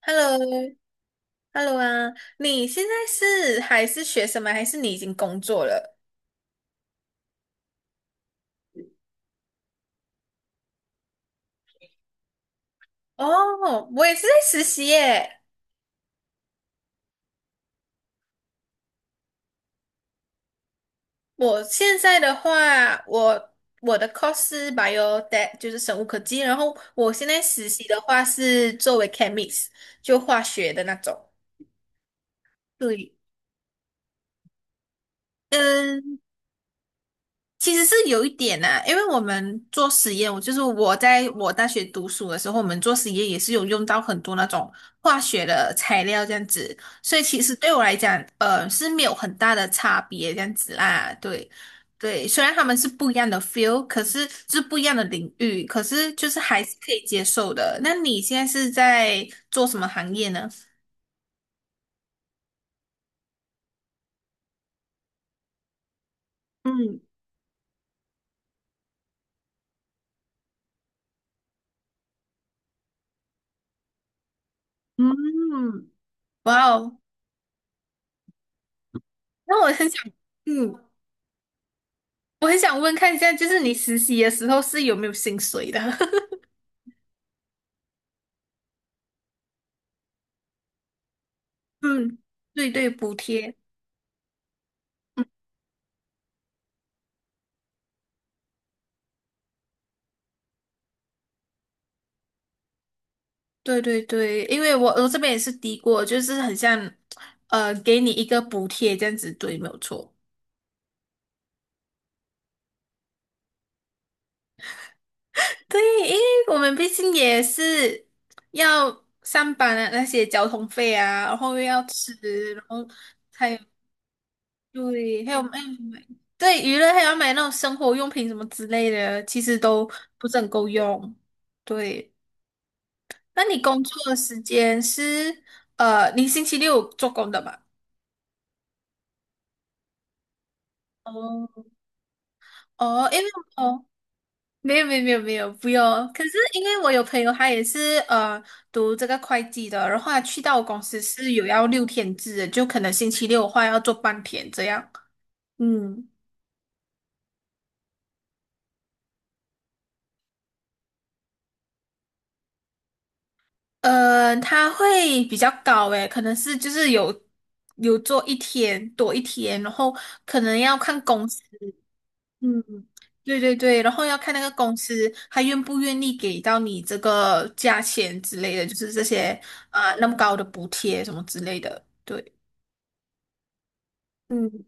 Hello，Hello， 啊，你现在是还是学生吗？还是你已经工作了？哦，我也是在实习耶。我现在的话，我的 course 是 biotech，就是生物科技，然后我现在实习的话是作为 chemist，就化学的那种。对。嗯。其实是有一点呐、因为我们做实验，我就是我在我大学读书的时候，我们做实验也是有用到很多那种化学的材料这样子，所以其实对我来讲，是没有很大的差别这样子啦。对，对，虽然他们是不一样的 feel，可是是不一样的领域，可是就是还是可以接受的。那你现在是在做什么行业呢？嗯嗯，哇哦，那我很想，嗯，我很想问看一下，就是你实习的时候是有没有薪水的？嗯，对对，补贴，嗯，对对对，因为我这边也是低过，就是很像，给你一个补贴这样子，对，没有错。对，因为我们毕竟也是要上班啊，那些交通费啊，然后又要吃，然后还有对，还有什么对，娱乐还要买那种生活用品什么之类的，其实都不是很够用。对。那你工作的时间是你星期六做工的吧？哦，哦，因为哦，没有没有没有没有，不用。可是因为我有朋友，他也是读这个会计的，然后他去到我公司是有要六天制的，就可能星期六的话要做半天这样。嗯，他会比较高诶，可能是就是有做一天多一天，然后可能要看公司，嗯，对对对，然后要看那个公司他愿不愿意给到你这个价钱之类的，就是这些啊、那么高的补贴什么之类的。对，嗯，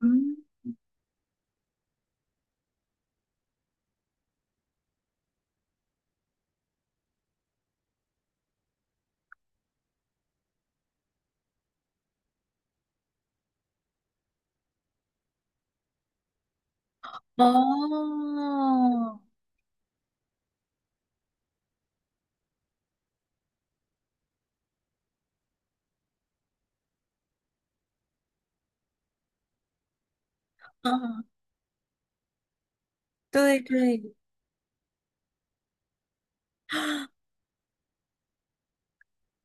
嗯，哦，嗯，对对，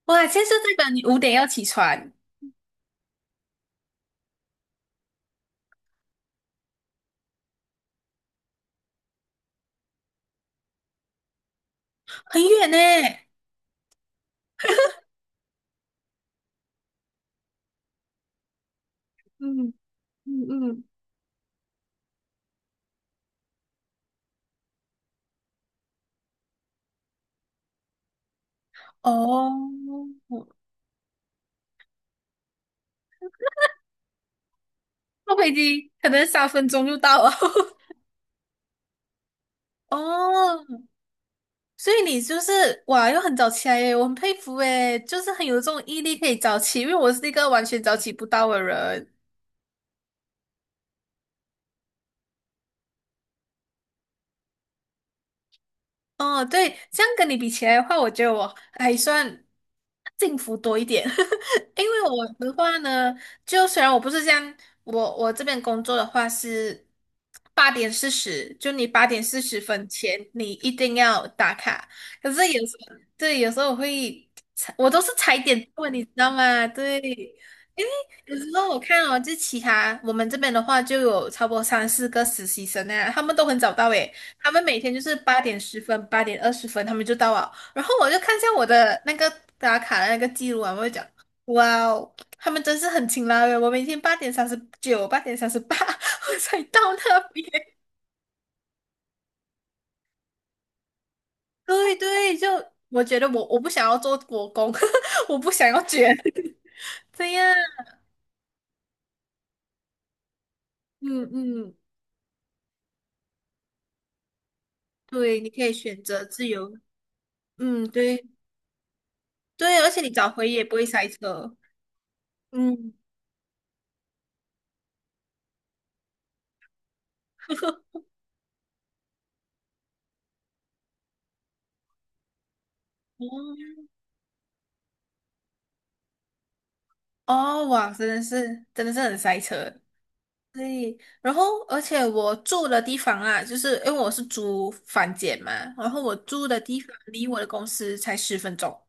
哇，现在是代表你5点要起床，很远呢。嗯嗯嗯，哦，坐飞机可能3分钟就到了。哦，所以你就是哇，又很早起来耶，我很佩服诶，就是很有这种毅力可以早起，因为我是一个完全早起不到的人。哦，对，这样跟你比起来的话，我觉得我还算幸福多一点，因为我的话呢，就虽然我不是这样，我这边工作的话是八点四十，就你8:40前你一定要打卡，可是有时候对，有时候我会踩，我都是踩点问，你知道吗？对，因为有时候我看哦，就其他我们这边的话就有差不多三四个实习生啊，他们都很早到诶。他们每天就是8:10、8:20，他们就到了。然后我就看一下我的那个打卡的那个记录啊，我就讲，哇哦，他们真是很勤劳耶！我每天8:39、8:38 我才到那边。对对，就我觉得我不想要做国公，我不想要卷，这样，嗯嗯，对，你可以选择自由，嗯，对对，而且你早回也不会塞车，嗯。哦，哇，真的是，真的是很塞车。对，然后而且我住的地方啊，就是因为我是租房间嘛，然后我住的地方离我的公司才10分钟，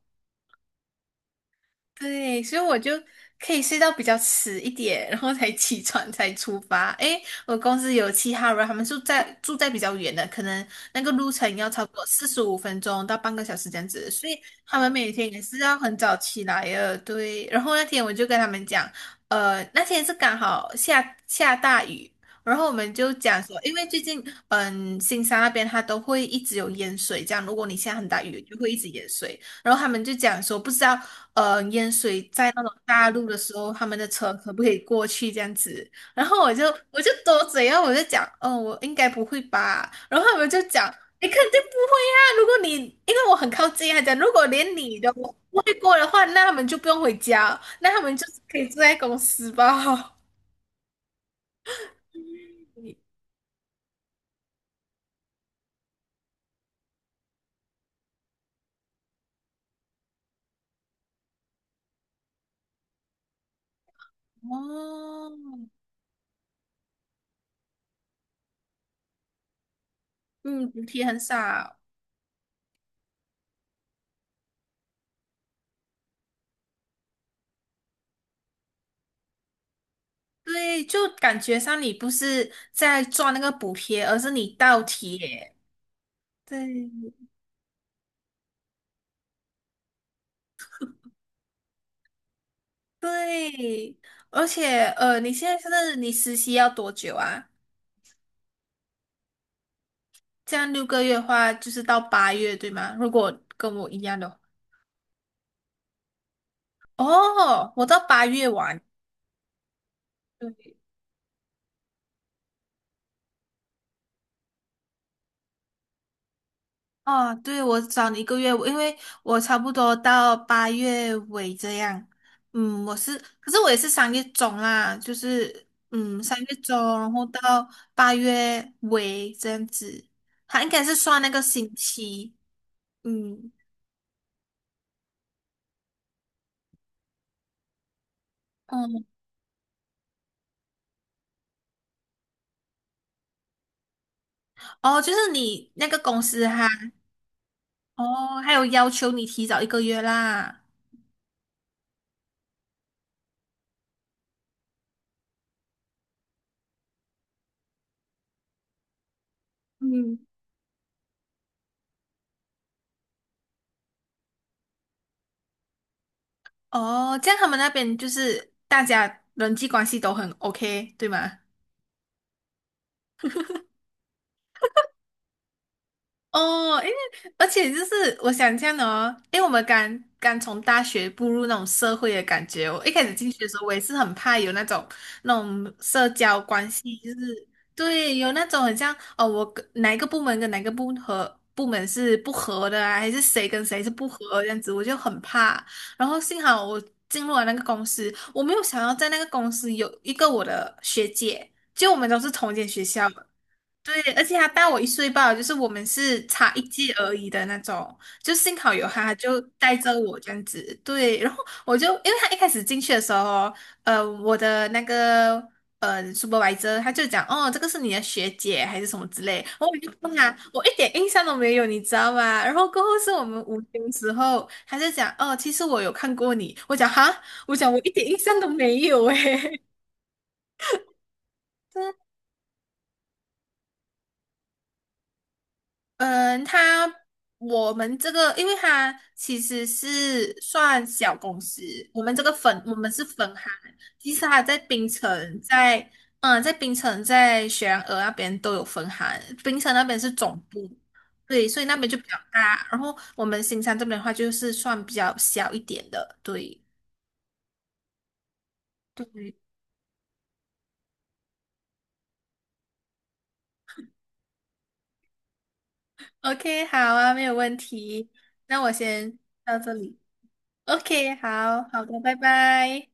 对，所以我就可以睡到比较迟一点，然后才起床才出发。诶，我公司有其他人，他们住在比较远的，可能那个路程要超过45分钟到半个小时这样子，所以他们每天也是要很早起来的。对，然后那天我就跟他们讲，那天是刚好下大雨。然后我们就讲说，因为最近，嗯，新山那边它都会一直有淹水，这样如果你下很大雨，就会一直淹水。然后他们就讲说，不知道淹水在那种大陆的时候，他们的车可不可以过去这样子？然后我就多嘴啊，我就讲，哦，我应该不会吧？然后他们就讲，你肯定不会啊！如果你因为我很靠近啊，他讲如果连你都不会过的话，那他们就不用回家，那他们就是可以住在公司吧？哦，嗯，补贴很少，对，就感觉上你不是在赚那个补贴，而是你倒贴，对。对，而且你现在是你实习要多久啊？这样6个月的话，就是到八月，对吗？如果跟我一样的话哦，我到八月完。对哦，对，我找你一个月，因为我差不多到八月尾这样。嗯，可是我也是三月中啦，就是三月中，然后到八月尾这样子，它应该是算那个星期。嗯。嗯哦，就是你那个公司哈，哦，还有要求你提早一个月啦。嗯。哦，这样他们那边就是大家人际关系都很 OK，对吗？哦，因为而且就是我想这样的哦，因为我们刚刚从大学步入那种社会的感觉哦，我一开始进去的时候，我也是很怕有那种社交关系，就是对，有那种很像哦，我跟哪一个部门跟哪一个部和部门是不合的啊，还是谁跟谁是不合这样子，我就很怕。然后幸好我进入了那个公司，我没有想要在那个公司有一个我的学姐，就我们都是同一间学校。对，而且他大我一岁半，就是我们是差一届而已的那种，就幸好有他，他就带着我这样子。对，然后我就因为他一开始进去的时候，我的那个supervisor 他就讲，哦，这个是你的学姐还是什么之类，然后我就问他，我一点印象都没有，你知道吗？然后过后是我们午休时候，他就讲，哦，其实我有看过你，我讲哈，我讲我一点印象都没有诶。嗯，我们这个，因为他其实是算小公司，我们是分行，其实他在槟城在雪兰莪那边都有分行，槟城那边是总部，对，所以那边就比较大，然后我们新山这边的话就是算比较小一点的，对对，OK，好啊，没有问题，那我先到这里，OK，好好的，拜拜。